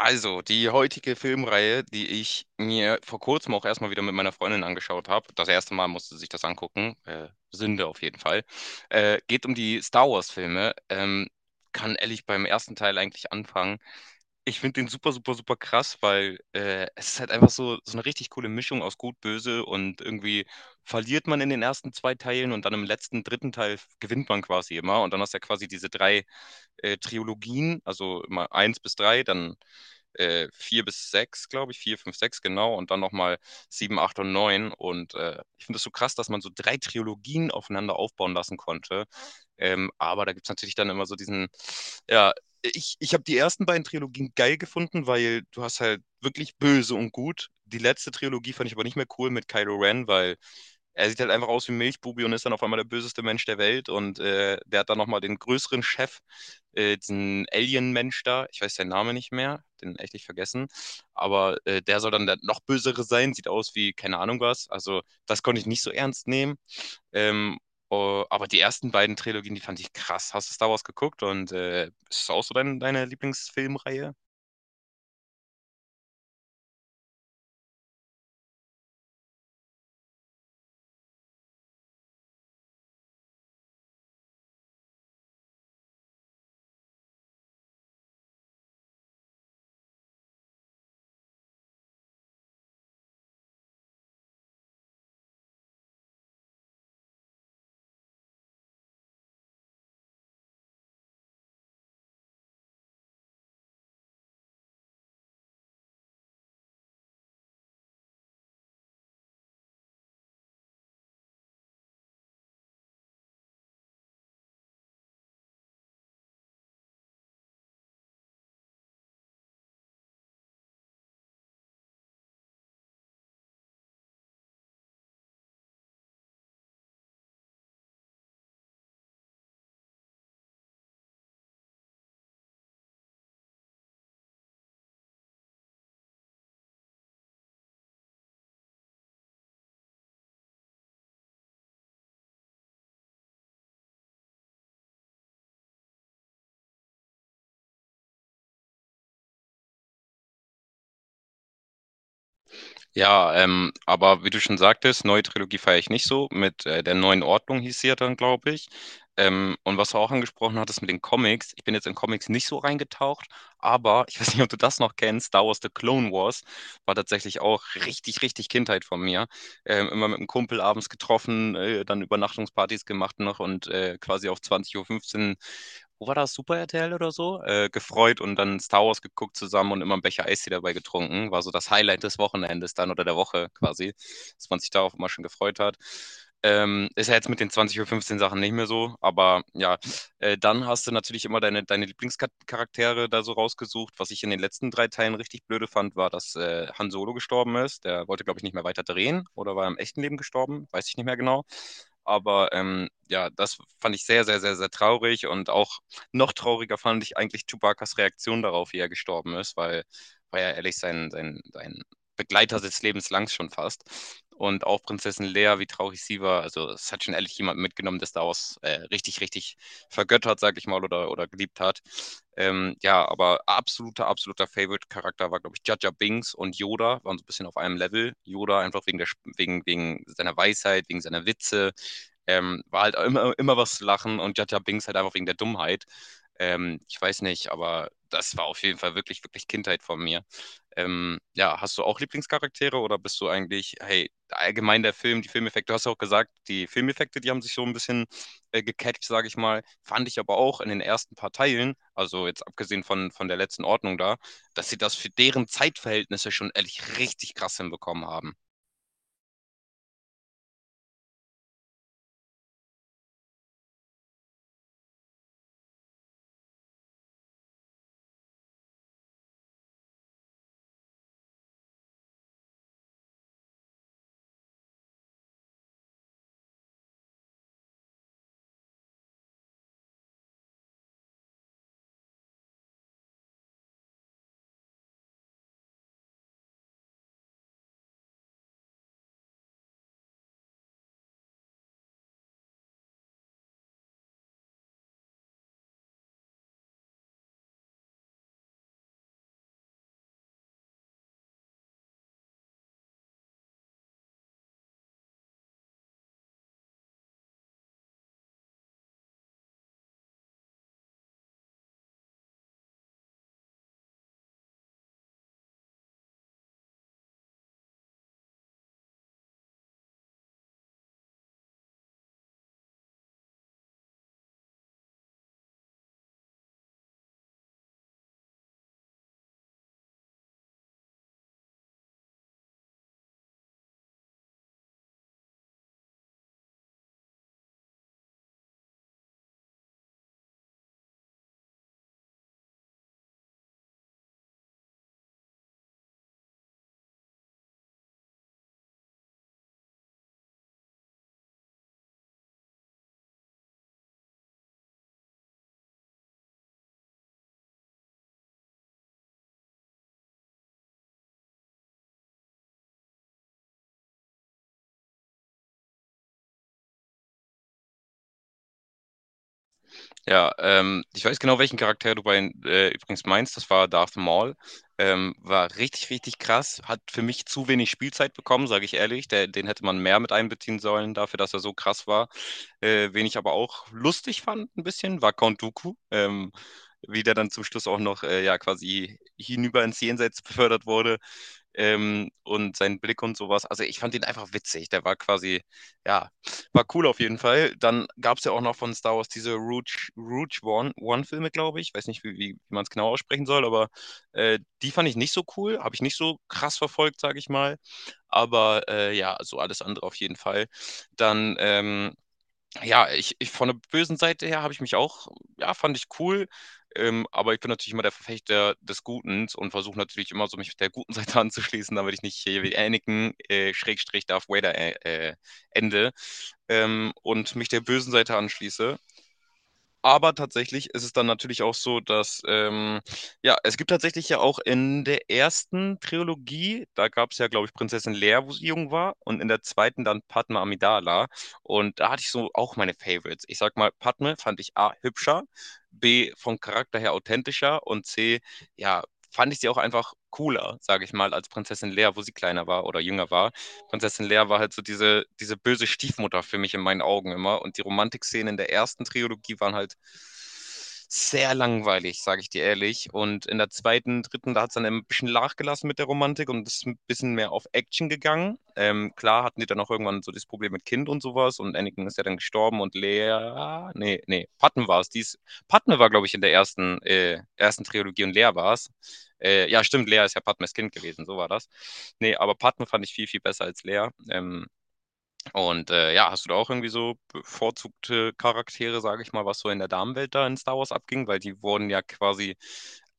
Also, die heutige Filmreihe, die ich mir vor kurzem auch erstmal wieder mit meiner Freundin angeschaut habe, das erste Mal musste sie sich das angucken, Sünde auf jeden Fall, geht um die Star Wars-Filme. Kann ehrlich beim ersten Teil eigentlich anfangen. Ich finde den super, super, super krass, weil es ist halt einfach so eine richtig coole Mischung aus Gut, Böse, und irgendwie verliert man in den ersten zwei Teilen und dann im letzten, dritten Teil gewinnt man quasi immer. Und dann hast du ja quasi diese drei Trilogien, also immer eins bis drei, dann 4 bis sechs, glaube ich, 4 5 sechs, genau, und dann nochmal 7 8 und neun, und ich finde es so krass, dass man so drei Trilogien aufeinander aufbauen lassen konnte. Aber da gibt es natürlich dann immer so diesen, ja, ich habe die ersten beiden Trilogien geil gefunden, weil du hast halt wirklich böse und gut. Die letzte Trilogie fand ich aber nicht mehr cool mit Kylo Ren, weil er sieht halt einfach aus wie ein Milchbubi und ist dann auf einmal der böseste Mensch der Welt. Und der hat dann nochmal den größeren Chef, diesen Alien-Mensch da. Ich weiß seinen Namen nicht mehr, den echt nicht vergessen. Aber der soll dann der noch bösere sein, sieht aus wie keine Ahnung was. Also, das konnte ich nicht so ernst nehmen. Ähm, oh, aber die ersten beiden Trilogien, die fand ich krass. Hast du Star Wars geguckt und ist das auch so deine Lieblingsfilmreihe? Ja, aber wie du schon sagtest, neue Trilogie feiere ich nicht so. Mit der neuen Ordnung hieß sie ja dann, glaube ich. Und was du auch angesprochen hattest mit den Comics, ich bin jetzt in Comics nicht so reingetaucht, aber ich weiß nicht, ob du das noch kennst. Star Wars The Clone Wars war tatsächlich auch richtig, richtig Kindheit von mir. Immer mit einem Kumpel abends getroffen, dann Übernachtungspartys gemacht noch und quasi auf 20.15 Uhr fünfzehn, wo war das, Super RTL oder so, gefreut und dann Star Wars geguckt zusammen und immer einen Becher Eistee dabei getrunken. War so das Highlight des Wochenendes dann oder der Woche quasi, dass man sich darauf immer schon gefreut hat. Ist ja jetzt mit den 20.15 Uhr fünfzehn Sachen nicht mehr so, aber ja, dann hast du natürlich immer deine Lieblingscharaktere da so rausgesucht. Was ich in den letzten drei Teilen richtig blöde fand, war, dass Han Solo gestorben ist. Der wollte, glaube ich, nicht mehr weiter drehen oder war im echten Leben gestorben, weiß ich nicht mehr genau. Aber ja, das fand ich sehr, sehr, sehr, sehr traurig, und auch noch trauriger fand ich eigentlich Chewbacas Reaktion darauf, wie er gestorben ist, weil war ja ehrlich sein Begleiter des Lebens lang schon fast. Und auch Prinzessin Leia, wie traurig sie war. Also, es hat schon ehrlich jemand mitgenommen, der Star Wars richtig, richtig vergöttert, sag ich mal, oder geliebt hat. Ja, aber absoluter, absoluter Favorite-Charakter war, glaube ich, Jar Jar Binks und Yoda waren so ein bisschen auf einem Level. Yoda einfach wegen seiner Weisheit, wegen seiner Witze. War halt immer, immer was zu lachen und Jar Jar Binks halt einfach wegen der Dummheit. Ich weiß nicht, aber das war auf jeden Fall wirklich, wirklich Kindheit von mir. Ja, hast du auch Lieblingscharaktere oder bist du eigentlich, hey, allgemein der Film, die Filmeffekte, du hast ja auch gesagt, die Filmeffekte, die haben sich so ein bisschen gecatcht, sage ich mal, fand ich aber auch in den ersten paar Teilen, also jetzt abgesehen von der letzten Ordnung da, dass sie das für deren Zeitverhältnisse schon ehrlich richtig krass hinbekommen haben. Ja, ich weiß genau, welchen Charakter du bei, übrigens meinst. Das war Darth Maul. War richtig, richtig krass. Hat für mich zu wenig Spielzeit bekommen, sage ich ehrlich. Der, den hätte man mehr mit einbeziehen sollen, dafür, dass er so krass war. Wen ich aber auch lustig fand, ein bisschen, war Count Dooku. Wie der dann zum Schluss auch noch ja, quasi hinüber ins Jenseits befördert wurde, und sein Blick und sowas. Also ich fand ihn einfach witzig. Der war quasi, ja, war cool auf jeden Fall. Dann gab es ja auch noch von Star Wars diese Rouge One-Filme, glaube ich. Weiß nicht, wie man es genau aussprechen soll, aber die fand ich nicht so cool. Habe ich nicht so krass verfolgt, sage ich mal. Aber ja, so alles andere auf jeden Fall. Dann ja, ich von der bösen Seite her habe ich mich auch, ja, fand ich cool, aber ich bin natürlich immer der Verfechter des Guten und versuche natürlich immer so, mich der guten Seite anzuschließen, damit ich nicht hier wie Anakin, Schrägstrich Darth Vader, ende, und mich der bösen Seite anschließe. Aber tatsächlich ist es dann natürlich auch so, dass, ja, es gibt tatsächlich ja auch in der ersten Trilogie, da gab es ja, glaube ich, Prinzessin Leia, wo sie jung war, und in der zweiten dann Padme Amidala. Und da hatte ich so auch meine Favorites. Ich sag mal, Padme fand ich A, hübscher, B, vom Charakter her authentischer und C, ja, fand ich sie auch einfach cooler, sage ich mal, als Prinzessin Leia, wo sie kleiner war oder jünger war. Prinzessin Leia war halt so diese böse Stiefmutter für mich in meinen Augen immer. Und die Romantikszenen in der ersten Trilogie waren halt sehr langweilig, sage ich dir ehrlich. Und in der zweiten, dritten, da hat es dann ein bisschen nachgelassen mit der Romantik und ist ein bisschen mehr auf Action gegangen. Klar hatten die dann auch irgendwann so das Problem mit Kind und sowas, und Anakin ist ja dann gestorben und Leia, nee, nee, Patten war es, die ist Padme war, glaube ich, in der ersten, ersten Trilogie und Lea war es. Ja, stimmt, Lea ist ja Padmes Kind gewesen, so war das. Nee, aber Padme fand ich viel, viel besser als Lea. Und ja, hast du da auch irgendwie so bevorzugte Charaktere, sage ich mal, was so in der Damenwelt da in Star Wars abging? Weil die wurden ja quasi,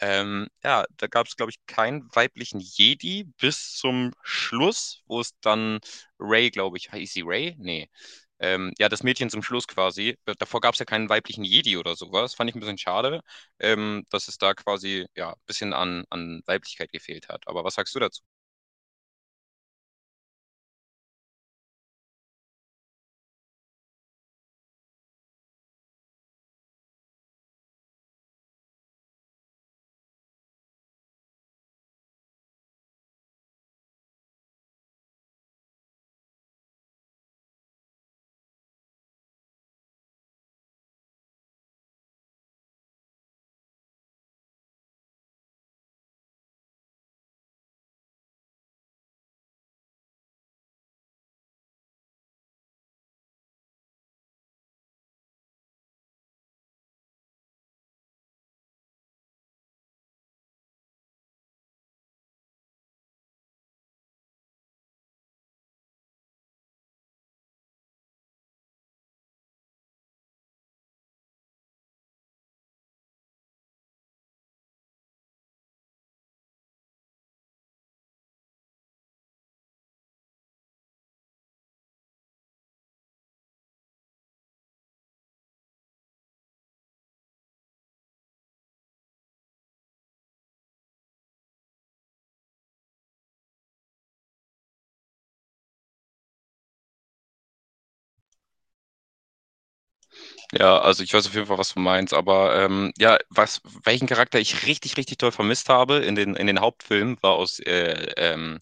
ja, da gab es, glaube ich, keinen weiblichen Jedi bis zum Schluss, wo es dann Rey, glaube ich, hieß sie Rey? Nee. Ja, das Mädchen zum Schluss quasi. Davor gab es ja keinen weiblichen Jedi oder sowas. Fand ich ein bisschen schade, dass es da quasi ja ein bisschen an Weiblichkeit gefehlt hat. Aber was sagst du dazu? Ja, also ich weiß auf jeden Fall, was du meinst, aber ja, was, welchen Charakter ich richtig, richtig toll vermisst habe in in den Hauptfilmen, war aus,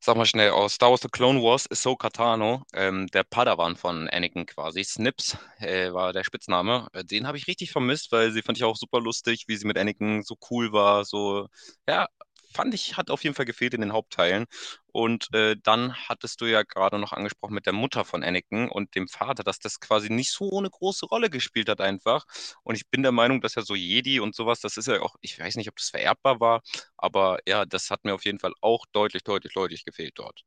sag mal schnell, aus Star Wars The Clone Wars, Ahsoka Tano, der Padawan von Anakin quasi, Snips war der Spitzname. Den habe ich richtig vermisst, weil sie fand ich auch super lustig, wie sie mit Anakin so cool war, so, ja, fand ich, hat auf jeden Fall gefehlt in den Hauptteilen. Und dann hattest du ja gerade noch angesprochen mit der Mutter von Anakin und dem Vater, dass das quasi nicht so eine große Rolle gespielt hat einfach. Und ich bin der Meinung, dass ja so Jedi und sowas, das ist ja auch, ich weiß nicht, ob das vererbbar war, aber ja, das hat mir auf jeden Fall auch deutlich, deutlich, deutlich gefehlt dort.